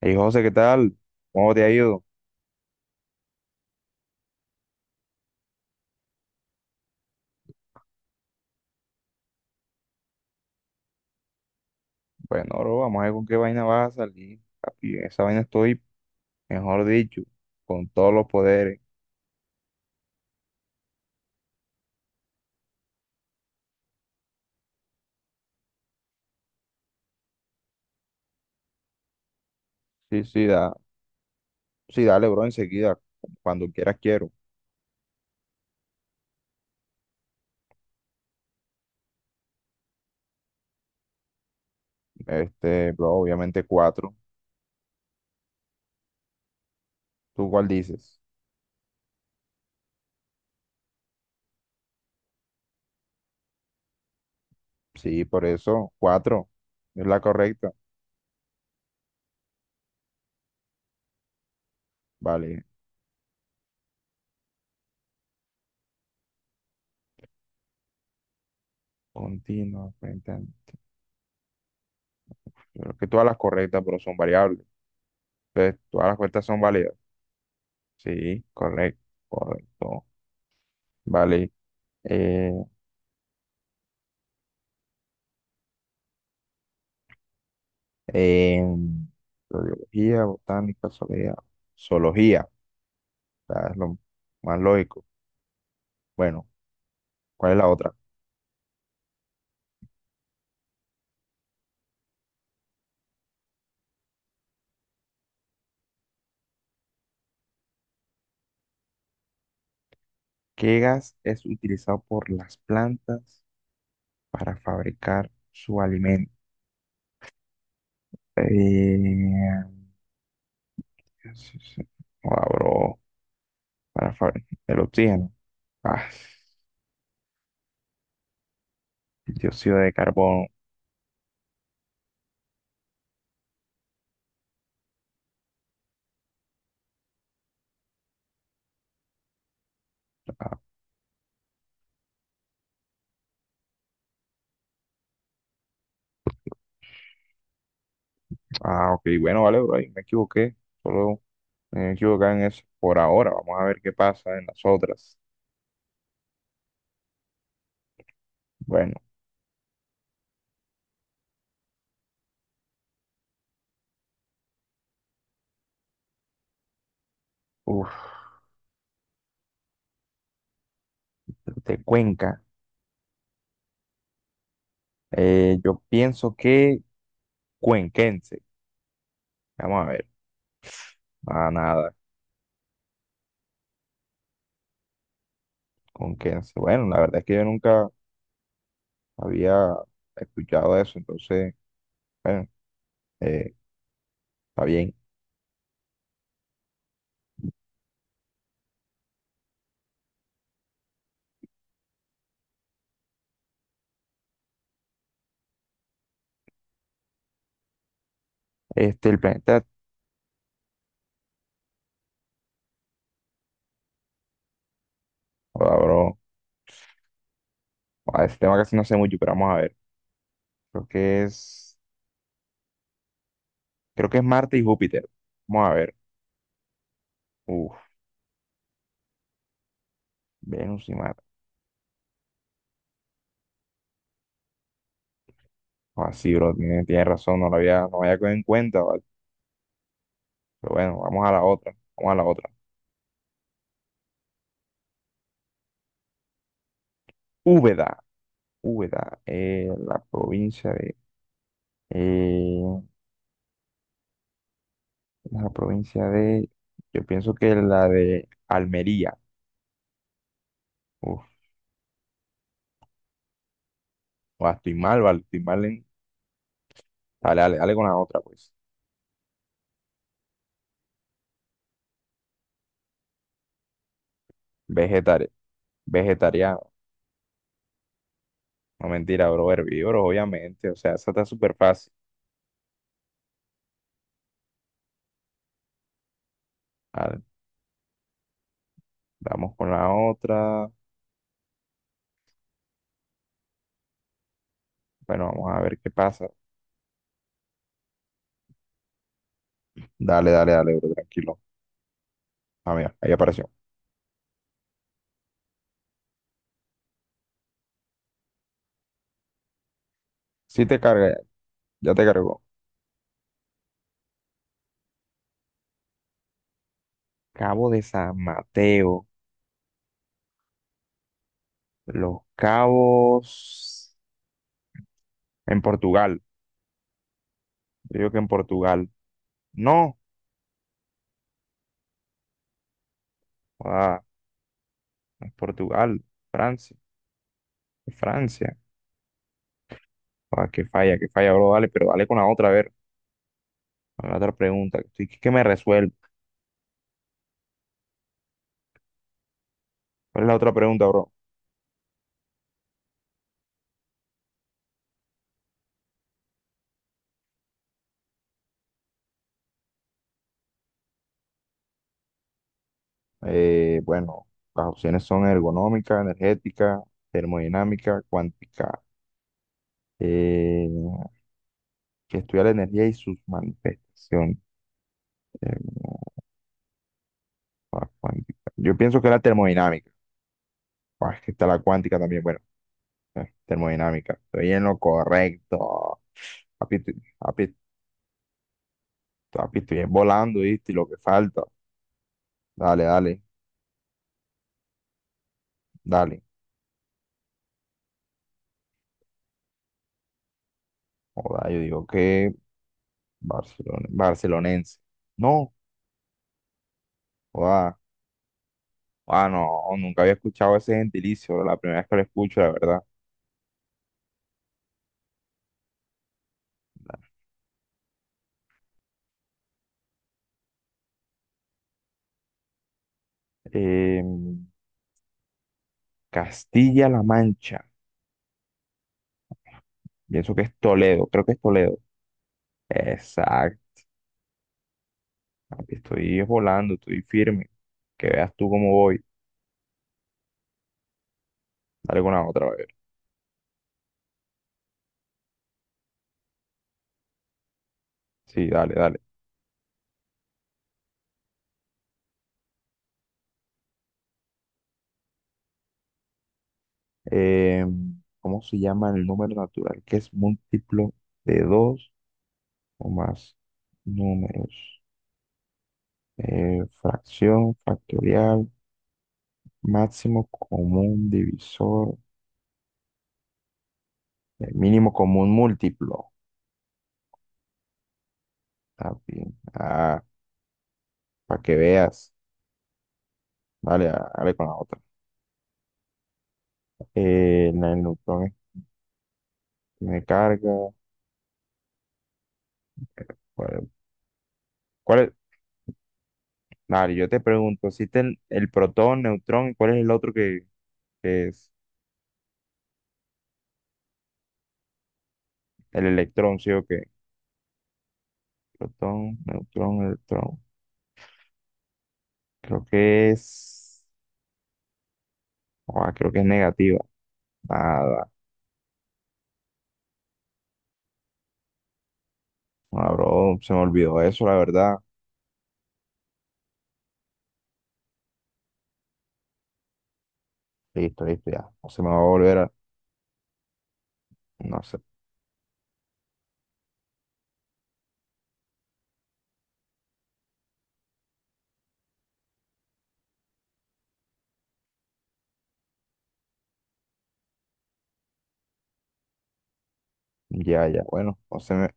Hey José, ¿qué tal? ¿Cómo te ha ido? Bueno, no, bro, vamos a ver con qué vaina vas a salir, papi. En esa vaina estoy, mejor dicho, con todos los poderes. Sí, sí, da, sí, dale, bro, enseguida, cuando quieras quiero. Bro, obviamente cuatro. ¿Tú cuál dices? Sí, por eso, cuatro. Es la correcta. Vale, continua, frente a- creo que todas las correctas, pero son variables. Entonces, todas las correctas son válidas. Sí, correcto, correcto. Vale. eh, en biología, botánica, zoología, zoología, o sea, es lo más lógico. Bueno, ¿cuál es la otra? ¿Qué gas es utilizado por las plantas para fabricar su alimento? Eh, sí, sí. Joda, bro, para fabricar el oxígeno. Ah, el dióxido de carbono. Ah, ah, ok, bueno, vale, bro, ahí me equivoqué. Solo me equivoqué en eso por ahora. Vamos a ver qué pasa en las otras. Bueno, uff. De Cuenca. Yo pienso que cuenquense. Vamos a ver. Ah, nada, cuenquense. Bueno, la verdad es que yo nunca había escuchado eso, entonces, bueno, eh, está bien. Este, el planeta, ahora, bro, a ese tema casi no sé mucho, pero vamos a ver. Creo que es, creo que es Marte y Júpiter. Vamos a ver. Uf, Venus y Marte. Así, bro, tiene razón, no lo había cogido en cuenta, ¿vale? Pero bueno, vamos a la otra, vamos a la otra. Úbeda, Úbeda, Eh, la provincia de, yo pienso que la de Almería. Uf, o estoy mal, vale, estoy mal en- Dale, dale, dale con la otra, pues. Vegetari vegetariano. No mentira, bro, herbívoros, obviamente. O sea, esa está súper fácil. Dale, vamos con la otra. Bueno, vamos a ver qué pasa. Dale, dale, dale, bro, tranquilo. Ah, mira, ahí apareció. Sí te carga, ya te cargó. Cabo de San Mateo. Los Cabos en Portugal. Yo digo que en Portugal. No. Ah, Portugal, Francia, Francia. Ah, que falla, bro. Dale, pero dale con la otra, a ver. Con la otra pregunta. Que estoy, que me resuelve. ¿Cuál es la otra pregunta, bro? Bueno, las opciones son ergonómica, energética, termodinámica, cuántica. Eh, que estudia la energía y sus manifestaciones. Termo- joda, cuántica. Yo pienso que la termodinámica. Joda, es que está la cuántica también. Bueno, termodinámica. Estoy en lo correcto. Papi, estoy- papi, Papi, estoy volando, ¿viste? Y lo que falta. Dale, dale, dale. Joda, yo digo que Barcelona, barcelonense. No, joda. Ah, no, nunca había escuchado ese gentilicio, la primera vez que lo escucho, la verdad. Em, Castilla-La Mancha. Pienso que es Toledo, creo que es Toledo. Exacto. Papi, estoy volando, estoy firme. Que veas tú cómo voy. Dale con la otra vez. Sí, dale, dale. ¿Cómo se llama el número natural que es múltiplo de 2 o más números? Fracción, factorial, máximo común divisor, mínimo común múltiplo. Ah, bien. Ah, para que veas. Vale, ah, dale con la otra. El neutrón tiene carga. ¿Cuál, ¿cuál es? Vale, yo te pregunto, ¿existe el protón, neutrón y cuál es el otro que es el electrón, sí o qué? Protón, neutrón, electrón. Creo que es... ah, creo que es negativa. Nada. Ah, bro, se me olvidó eso, la verdad. Listo, listo, ya. No se me va a volver a... No sé. Ya, ya. Bueno, no se me...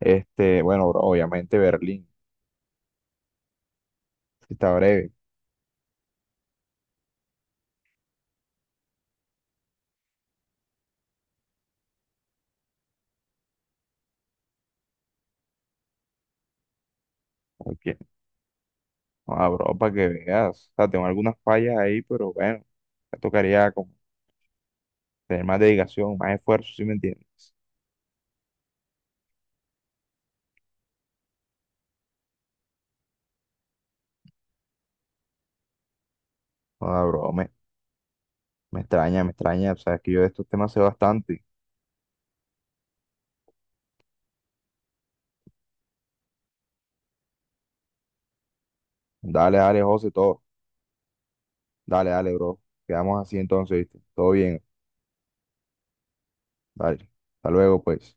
Bueno, bro, obviamente Berlín. Sí, está breve. Porque, ah, bro, para que veas. O sea, tengo algunas fallas ahí, pero bueno. Me tocaría como tener más dedicación, más esfuerzo, ¿si me entiendes? Ah, bro, me extraña, me extraña. Sabes que yo de estos temas sé bastante. Dale, dale, José, todo. Dale, dale, bro. Quedamos así entonces, ¿viste? Todo bien. Dale. Hasta luego, pues.